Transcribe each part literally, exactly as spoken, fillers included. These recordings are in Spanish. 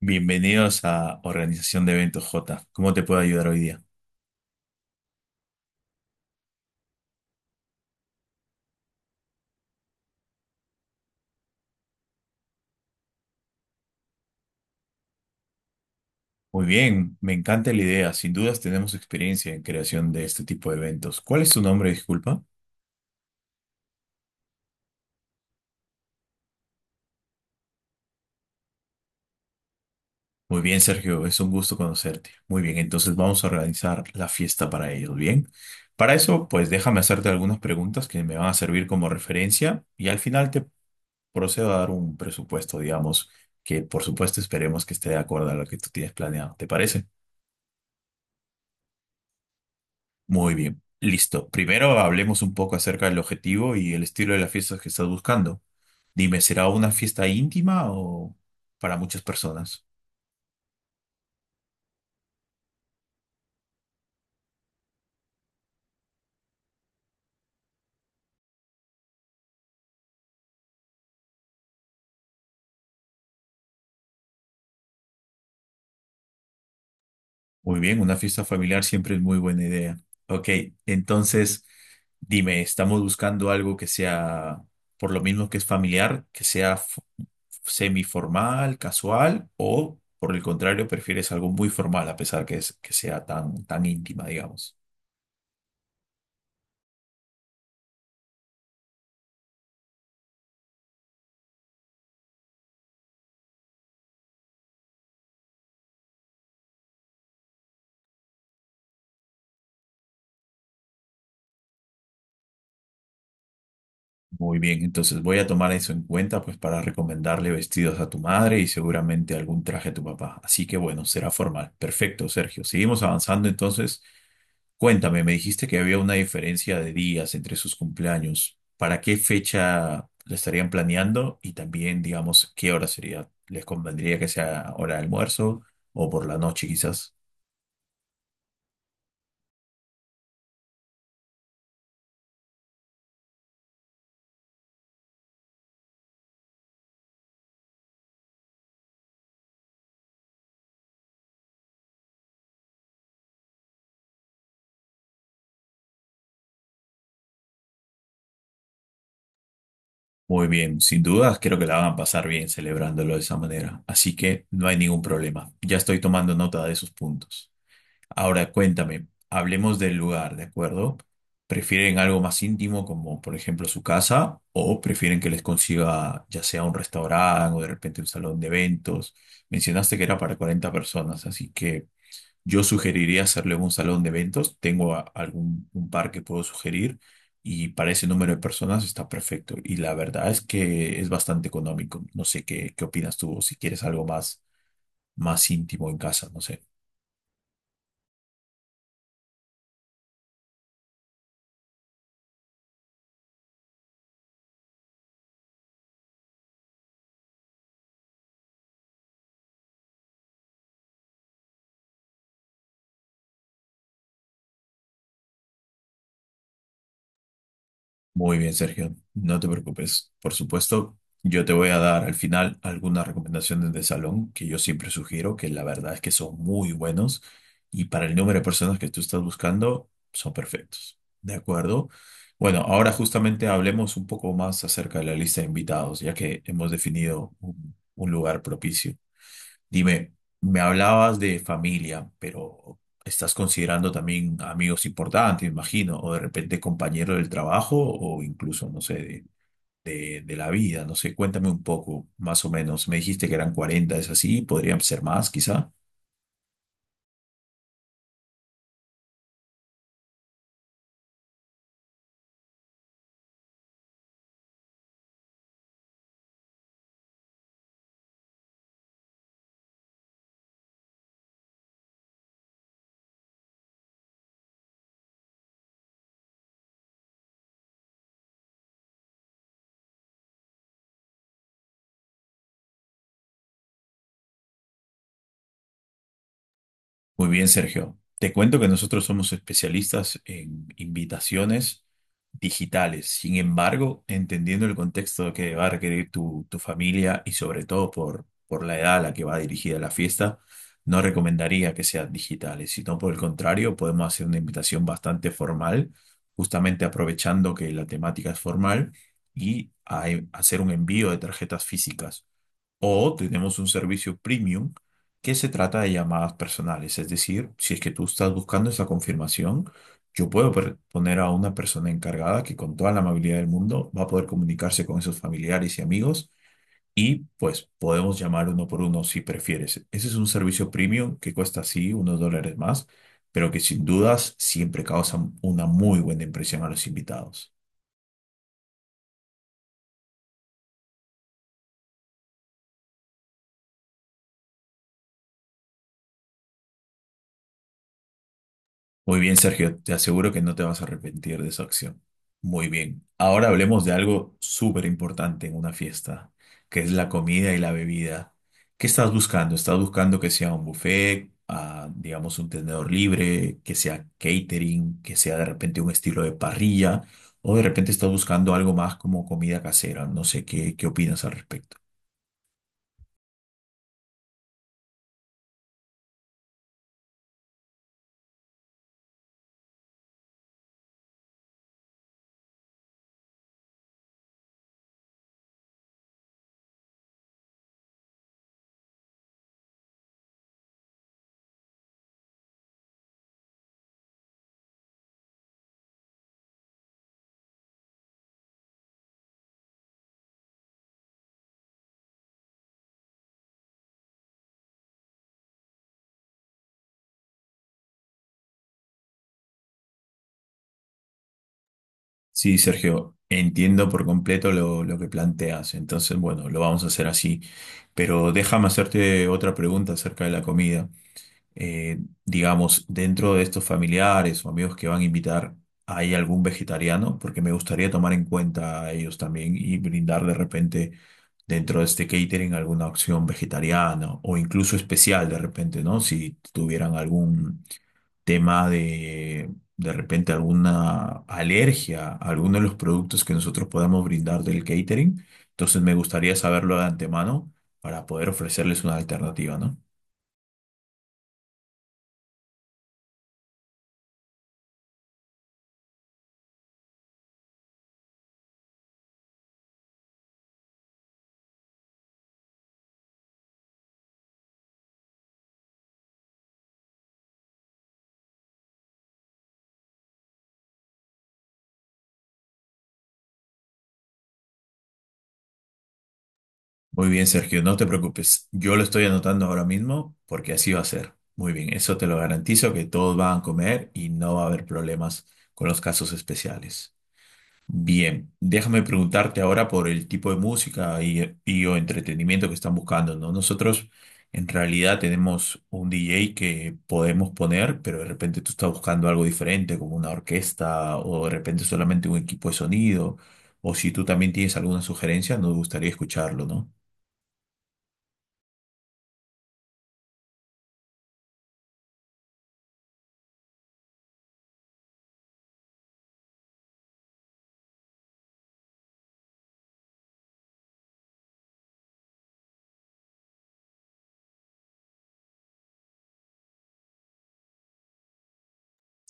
Bienvenidos a Organización de Eventos J. ¿Cómo te puedo ayudar hoy día? Muy bien, me encanta la idea. Sin dudas tenemos experiencia en creación de este tipo de eventos. ¿Cuál es tu nombre, disculpa? Muy bien, Sergio, es un gusto conocerte. Muy bien, entonces vamos a organizar la fiesta para ellos, ¿bien? Para eso, pues déjame hacerte algunas preguntas que me van a servir como referencia y al final te procedo a dar un presupuesto, digamos, que por supuesto esperemos que esté de acuerdo a lo que tú tienes planeado. ¿Te parece? Muy bien, listo. Primero hablemos un poco acerca del objetivo y el estilo de las fiestas que estás buscando. Dime, ¿será una fiesta íntima o para muchas personas? Muy bien, una fiesta familiar siempre es muy buena idea. Ok, entonces dime, ¿estamos buscando algo que sea, por lo mismo que es familiar, que sea f- semiformal, casual o, por el contrario, prefieres algo muy formal a pesar que, es, que sea tan, tan íntima, digamos? Muy bien, entonces voy a tomar eso en cuenta pues para recomendarle vestidos a tu madre y seguramente algún traje a tu papá. Así que bueno, será formal. Perfecto, Sergio. Seguimos avanzando entonces. Cuéntame, me dijiste que había una diferencia de días entre sus cumpleaños. ¿Para qué fecha lo estarían planeando? Y también, digamos, ¿qué hora sería? ¿Les convendría que sea hora de almuerzo o por la noche quizás? Muy bien, sin dudas creo que la van a pasar bien celebrándolo de esa manera, así que no hay ningún problema. Ya estoy tomando nota de esos puntos. Ahora cuéntame, hablemos del lugar, ¿de acuerdo? ¿Prefieren algo más íntimo como por ejemplo su casa o prefieren que les consiga ya sea un restaurante o de repente un salón de eventos? Mencionaste que era para cuarenta personas, así que yo sugeriría hacerle un salón de eventos. Tengo a- algún un par que puedo sugerir y para ese número de personas está perfecto. Y la verdad es que es bastante económico. No sé qué, qué opinas tú o si quieres algo más, más íntimo en casa, no sé. Muy bien, Sergio, no te preocupes. Por supuesto, yo te voy a dar al final algunas recomendaciones de salón que yo siempre sugiero, que la verdad es que son muy buenos y para el número de personas que tú estás buscando, son perfectos. ¿De acuerdo? Bueno, ahora justamente hablemos un poco más acerca de la lista de invitados, ya que hemos definido un, un lugar propicio. Dime, me hablabas de familia, pero estás considerando también amigos importantes, imagino, o de repente compañero del trabajo, o incluso, no sé, de, de- de la vida, no sé, cuéntame un poco, más o menos. Me dijiste que eran cuarenta, ¿es así? ¿Podrían ser más, quizá? Muy bien, Sergio. Te cuento que nosotros somos especialistas en invitaciones digitales. Sin embargo, entendiendo el contexto que va a requerir tu, tu familia y sobre todo por, por la edad a la que va dirigida la fiesta, no recomendaría que sean digitales, sino por el contrario, podemos hacer una invitación bastante formal, justamente aprovechando que la temática es formal y a- hacer un envío de tarjetas físicas. O tenemos un servicio premium que se trata de llamadas personales. Es decir, si es que tú estás buscando esa confirmación, yo puedo per- poner a una persona encargada que con toda la amabilidad del mundo va a poder comunicarse con esos familiares y amigos y pues podemos llamar uno por uno si prefieres. Ese es un servicio premium que cuesta sí unos dólares más, pero que sin dudas siempre causa una muy buena impresión a los invitados. Muy bien, Sergio, te aseguro que no te vas a arrepentir de esa acción. Muy bien. Ahora hablemos de algo súper importante en una fiesta, que es la comida y la bebida. ¿Qué estás buscando? ¿Estás buscando que sea un buffet, ah, digamos un tenedor libre, que sea catering, que sea de repente un estilo de parrilla? ¿O de repente estás buscando algo más como comida casera? No sé, ¿qué, qué opinas al respecto? Sí, Sergio, entiendo por completo lo, lo que planteas. Entonces, bueno, lo vamos a hacer así. Pero déjame hacerte otra pregunta acerca de la comida. Eh, digamos, dentro de estos familiares o amigos que van a invitar, ¿hay algún vegetariano? Porque me gustaría tomar en cuenta a ellos también y brindar de repente dentro de este catering alguna opción vegetariana o incluso especial de repente, ¿no? Si tuvieran algún tema de de repente alguna alergia a alguno de los productos que nosotros podamos brindar del catering. Entonces me gustaría saberlo de antemano para poder ofrecerles una alternativa, ¿no? Muy bien, Sergio, no te preocupes. Yo lo estoy anotando ahora mismo porque así va a ser. Muy bien, eso te lo garantizo que todos van a comer y no va a haber problemas con los casos especiales. Bien, déjame preguntarte ahora por el tipo de música y, y o entretenimiento que están buscando, ¿no? Nosotros en realidad tenemos un D J que podemos poner, pero de repente tú estás buscando algo diferente, como una orquesta o de repente solamente un equipo de sonido, o si tú también tienes alguna sugerencia, nos gustaría escucharlo, ¿no?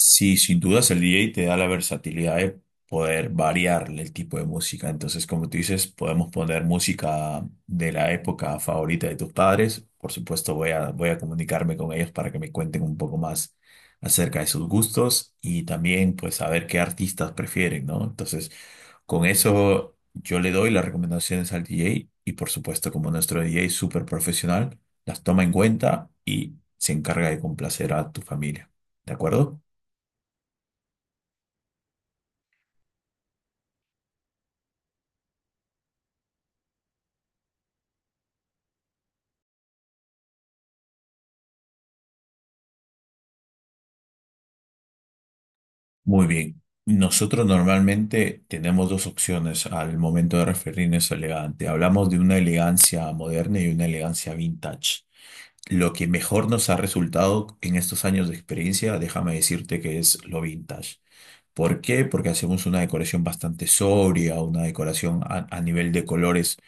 Sí, sin dudas el D J te da la versatilidad de poder variarle el tipo de música. Entonces, como tú dices, podemos poner música de la época favorita de tus padres. Por supuesto, voy a, voy a comunicarme con ellos para que me cuenten un poco más acerca de sus gustos y también pues saber qué artistas prefieren, ¿no? Entonces, con eso yo le doy las recomendaciones al D J y por supuesto, como nuestro D J es súper profesional, las toma en cuenta y se encarga de complacer a tu familia. ¿De acuerdo? Muy bien. Nosotros normalmente tenemos dos opciones al momento de referirnos a elegante. Hablamos de una elegancia moderna y una elegancia vintage. Lo que mejor nos ha resultado en estos años de experiencia, déjame decirte que es lo vintage. ¿Por qué? Porque hacemos una decoración bastante sobria, una decoración a, a nivel de colores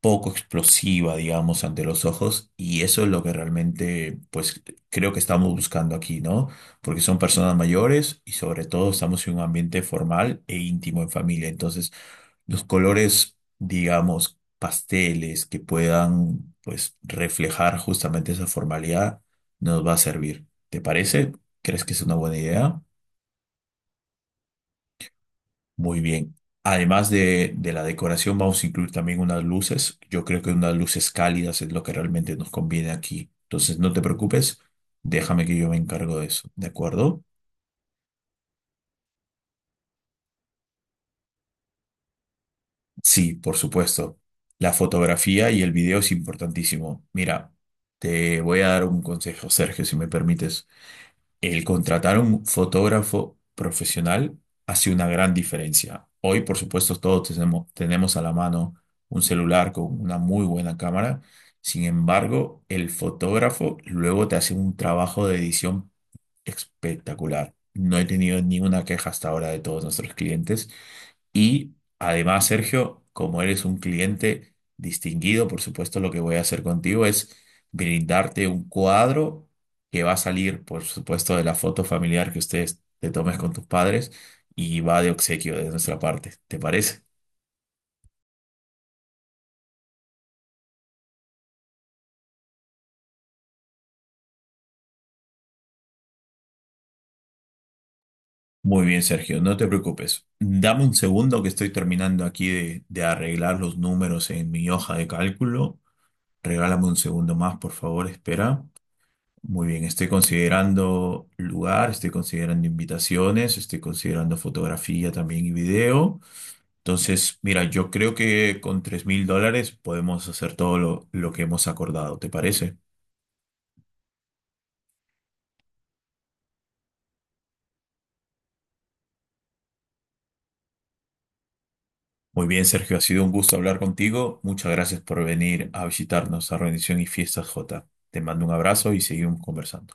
poco explosiva, digamos, ante los ojos, y eso es lo que realmente, pues, creo que estamos buscando aquí, ¿no? Porque son personas mayores y sobre todo estamos en un ambiente formal e íntimo en familia. Entonces, los colores, digamos, pasteles que puedan, pues, reflejar justamente esa formalidad nos va a servir. ¿Te parece? ¿Crees que es una buena idea? Muy bien. Además de, de la decoración, vamos a incluir también unas luces. Yo creo que unas luces cálidas es lo que realmente nos conviene aquí. Entonces, no te preocupes, déjame que yo me encargo de eso, ¿de acuerdo? Sí, por supuesto. La fotografía y el video es importantísimo. Mira, te voy a dar un consejo, Sergio, si me permites. El contratar a un fotógrafo profesional hace una gran diferencia. Hoy, por supuesto, todos tenemos, tenemos a la mano un celular con una muy buena cámara. Sin embargo, el fotógrafo luego te hace un trabajo de edición espectacular. No he tenido ninguna queja hasta ahora de todos nuestros clientes y además, Sergio, como eres un cliente distinguido, por supuesto, lo que voy a hacer contigo es brindarte un cuadro que va a salir, por supuesto, de la foto familiar que ustedes te tomes con tus padres y va de obsequio de nuestra parte. ¿Te parece? Muy bien, Sergio, no te preocupes. Dame un segundo que estoy terminando aquí de, de arreglar los números en mi hoja de cálculo. Regálame un segundo más, por favor, espera. Muy bien, estoy considerando lugar, estoy considerando invitaciones, estoy considerando fotografía también y video. Entonces, mira, yo creo que con tres mil dólares podemos hacer todo lo, lo que hemos acordado, ¿te parece? Muy bien, Sergio, ha sido un gusto hablar contigo. Muchas gracias por venir a visitarnos a Rendición y Fiestas J. Te mando un abrazo y seguimos conversando.